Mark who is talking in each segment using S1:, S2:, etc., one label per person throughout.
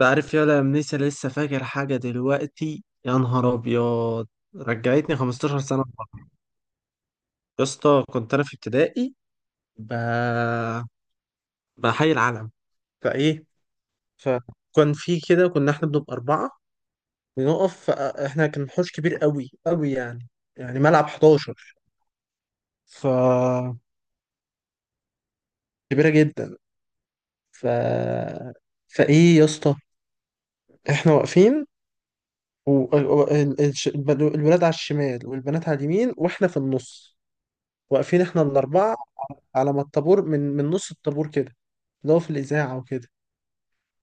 S1: بعرف يا لمنيسة، لسه فاكر حاجة دلوقتي، يا نهار أبيض! رجعتني 15 سنة ورا. يا اسطى، كنت أنا في ابتدائي، ب... بحي العلم. فإيه فكان في كده، كنا إحنا بنبقى أربعة بنقف. إحنا كان حوش كبير قوي قوي يعني. يعني ملعب 11. ف كبيرة جدا. ف فإيه يا اسطى، إحنا واقفين، والولاد على الشمال والبنات على اليمين وإحنا في النص، واقفين احنا الاربعه، على ما الطابور، من نص الطابور كده، اللي هو في الاذاعه وكده.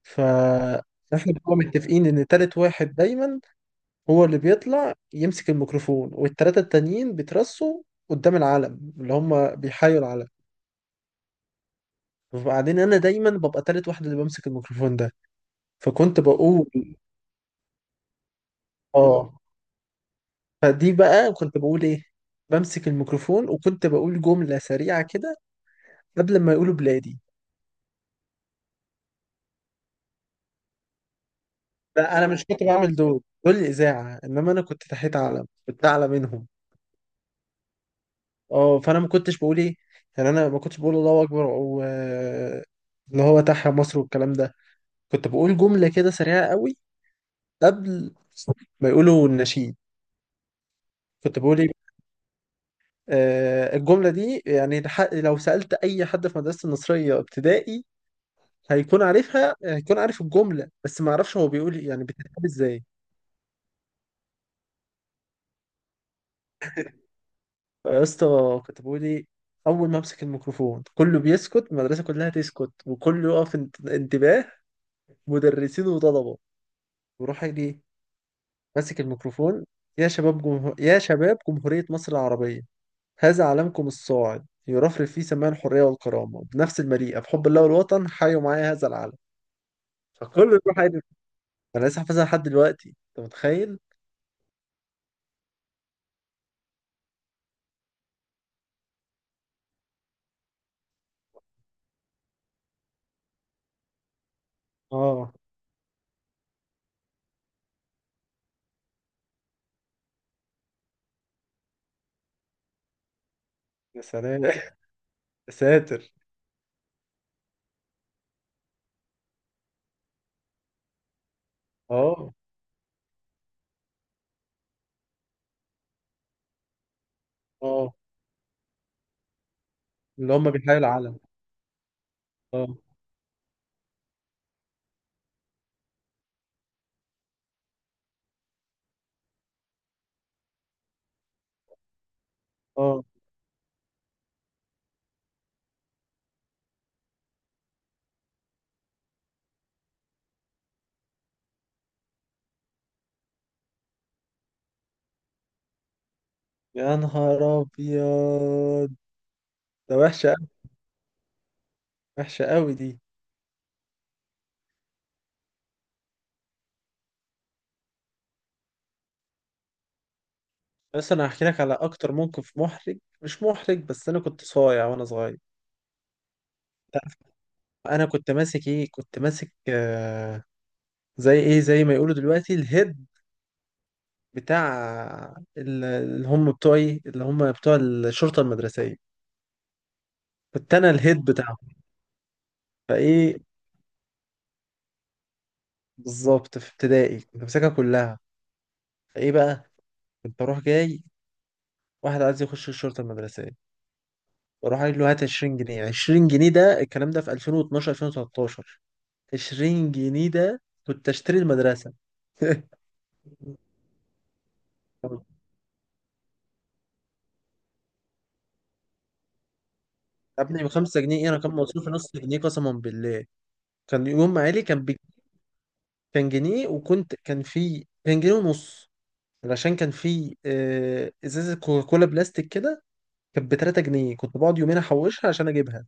S1: ف احنا بنبقى متفقين ان تالت واحد دايما هو اللي بيطلع يمسك الميكروفون، والتلاته التانيين بيترصوا قدام العلم، اللي هم بيحيوا العلم. وبعدين انا دايما ببقى تالت واحد اللي بمسك الميكروفون ده. فكنت بقول، اه، فدي بقى كنت بقول ايه. بمسك الميكروفون وكنت بقول جمله سريعه كده قبل ما يقولوا بلادي. لا، انا مش كنت بعمل دول الاذاعه، انما انا كنت تحت علم، كنت اعلى منهم. اه، فانا ما كنتش بقول ايه. يعني انا ما كنتش بقول الله اكبر، او اللي هو تحيا مصر والكلام ده. كنت بقول جمله كده سريعه قوي قبل ما يقولوا النشيد. كنت بقول ايه؟ الجمله دي يعني، لو سالت اي حد في مدرسه النصريه ابتدائي هيكون عارفها، هيكون عارف الجمله، بس ما اعرفش هو بيقول إيه، يعني بتتكتب ازاي. يا اسطى، كتبوا لي. اول ما امسك الميكروفون كله بيسكت، المدرسه كلها تسكت وكله يقف، انتباه، مدرسين وطلبه. وروح اجي ماسك الميكروفون: يا شباب جمهوريه مصر العربيه، هذا علمكم الصاعد يرفرف فيه سماع الحريه والكرامه بنفس المليئه بحب الله والوطن، حيوا معايا هذا العلم. فكله يروح يجري. انا لسه حافظها لحد دلوقتي، انت متخيل؟ اه. يا سلام! يا ساتر. اه. اه. اللي هم بيحيوا العلم. اه. اه. يا نهار ابيض! ده وحشه قوي، وحشه قوي دي. بس انا هحكي لك على اكتر موقف محرج. مش محرج بس، انا كنت صايع وانا صغير، تعرف. انا كنت ماسك ايه؟ كنت ماسك، زي ايه، زي ما يقولوا دلوقتي الهيد بتاع اللي هم بتوع الشرطه المدرسيه. كنت انا الهيد بتاعهم. فايه، بالظبط في ابتدائي كنت ماسكها كلها. فايه بقى، كنت اروح جاي، واحد عايز يخش الشرطه المدرسيه، واروح قايل له هات 20 جنيه. 20 جنيه ده، الكلام ده في 2012، 2013، 20 جنيه ده كنت اشتري المدرسه. يا ابني، ب 5 جنيه ايه؟ انا كان مصروفي نص جنيه، قسما بالله. كان يوم ما علي كان كان جنيه وكنت كان في كان جنيه ونص. علشان كان في ازازه كوكاكولا بلاستيك كده، كانت ب 3 جنيه، كنت بقعد يومين احوشها عشان اجيبها،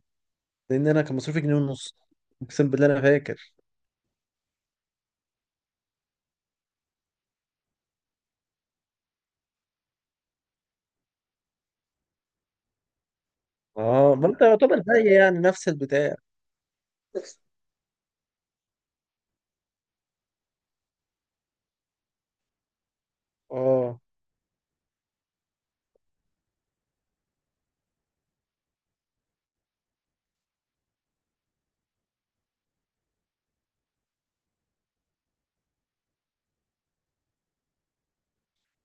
S1: لان انا كان مصروفي جنيه ونص. اقسم بالله انا فاكر. اه، ما انت يعتبر زي، يعني نفس البتاع. اه.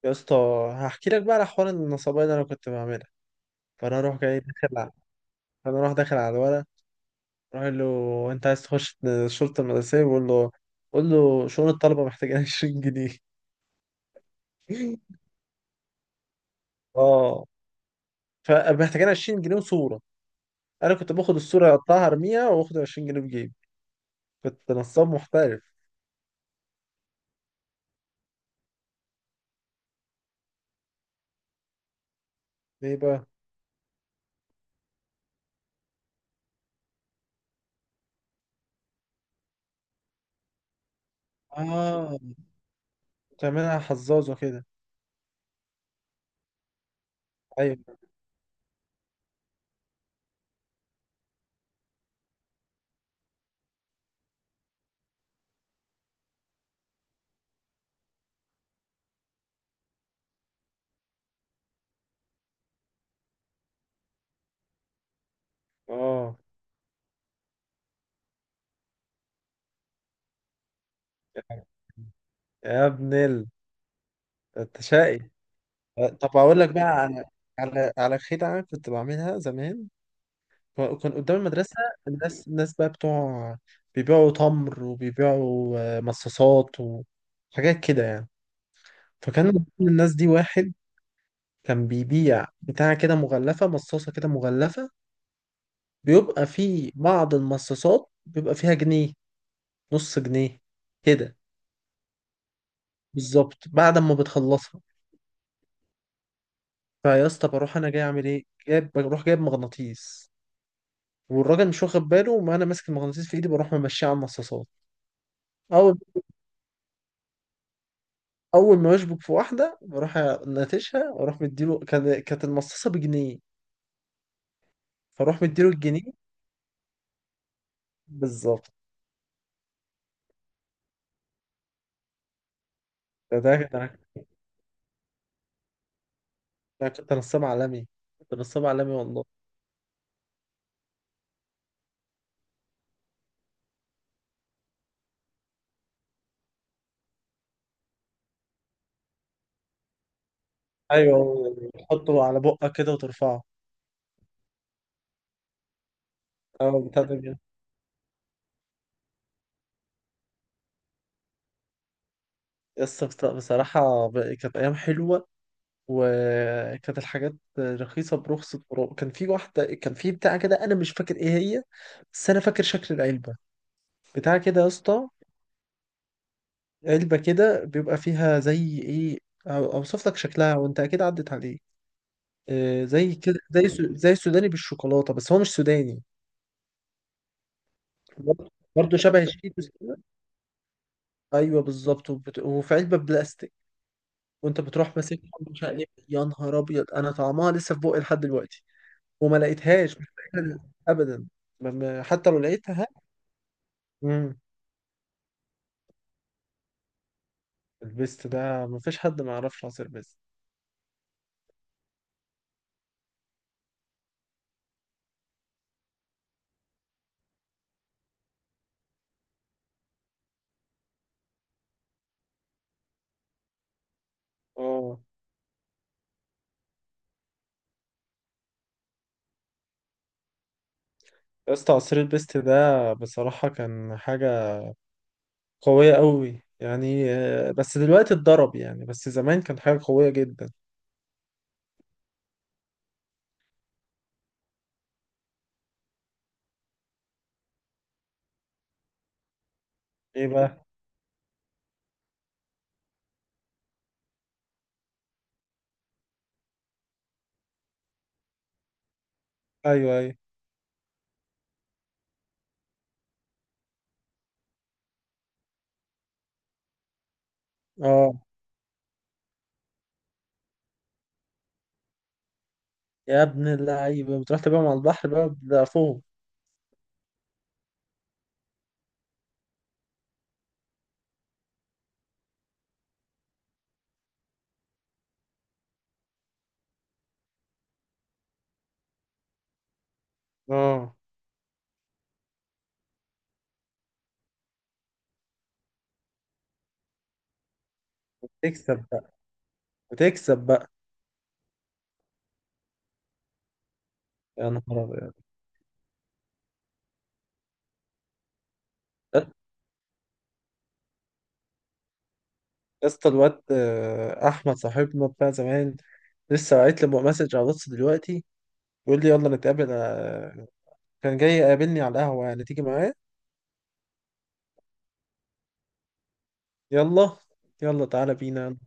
S1: يا اسطى، هحكي لك بقى على حوار النصابين اللي انا كنت بعملها. فانا اروح جاي داخل على فانا اروح داخل على الولد، اروح أقول له، انت عايز تخش الشرطه المدرسيه؟ بقول له، قول له شؤون الطلبه محتاجين 20 جنيه. اه، فمحتاجين 20 جنيه وصوره. انا كنت باخد الصوره اقطعها ارميها، واخد 20 جنيه في جيبي. كنت نصاب محترف. ليه بقى؟ اه. بتعملها حظاظه كده؟ ايوه. اه. يا ابن ال، انت شقي. طب أقول لك بقى على، على خدعة كنت بعملها زمان. كان قدام المدرسة، الناس بقى بتوع بيبيعوا تمر، وبيبيعوا مصاصات وحاجات كده يعني. فكان من ضمن الناس دي واحد كان بيبيع بتاع كده مغلفة، مصاصة كده مغلفة. بيبقى في بعض المصاصات بيبقى فيها جنيه، نص جنيه كده، بالظبط بعد ما بتخلصها. فيا اسطى، بروح انا جاي اعمل ايه، جايب، بروح جايب مغناطيس، والراجل مش واخد باله، وانا ماسك المغناطيس في ايدي بروح ممشيه على المصاصات. اول اول ما يشبك في واحده، بروح ناتشها، واروح مديله. كانت المصاصه بجنيه، فاروح مديله الجنيه. بالظبط. ده ده ده ده كنت نصاب عالمي، كنت نصاب عالمي والله. ايوه، تحطه على بقك كده وترفعه. اه، بتاع ده كده. يس، بصراحة، كانت أيام حلوة، وكانت الحاجات رخيصة برخص التراب. كان في بتاع كده، أنا مش فاكر إيه هي، بس أنا فاكر شكل العلبة. بتاع كده يا اسطى، علبة كده بيبقى فيها زي ايه، اوصف لك شكلها وانت اكيد عدت عليه. زي كده، زي زي السوداني بالشوكولاتة، بس هو مش سوداني. برضه برضه شبه الشيتوس كده. ايوه بالظبط، وفي علبة بلاستيك، وانت بتروح ماسكها، مش عارف إيه. يا نهار ابيض! انا طعمها لسه في بوقي لحد دلوقتي. وما لقيتهاش، مش لاقيها ابدا. حتى لو لقيتها. امم البيست ده مفيش حد ما يعرفش عصير بيست. اه يا اسطى، عصير البيست ده بصراحة كان حاجة قوية قوي يعني، بس دلوقتي اتضرب يعني، بس زمان كان حاجة قوية جدا. ايه بقى؟ ايوه ايوه. اه. يا ابن اللعيبة، بتروح تبيعهم على البحر بقى بضعفهم. اه، تكسب بقى، بتكسب بقى. يا نهار ابيض! يا اسطى، الواد احمد صاحبنا بتاع زمان، لسه بعت لي مسج على الواتس دلوقتي، بيقول لي يلا نتقابل، كان جاي يقابلني على القهوة، يعني تيجي معايا؟ يلا. يلا تعالى بينا.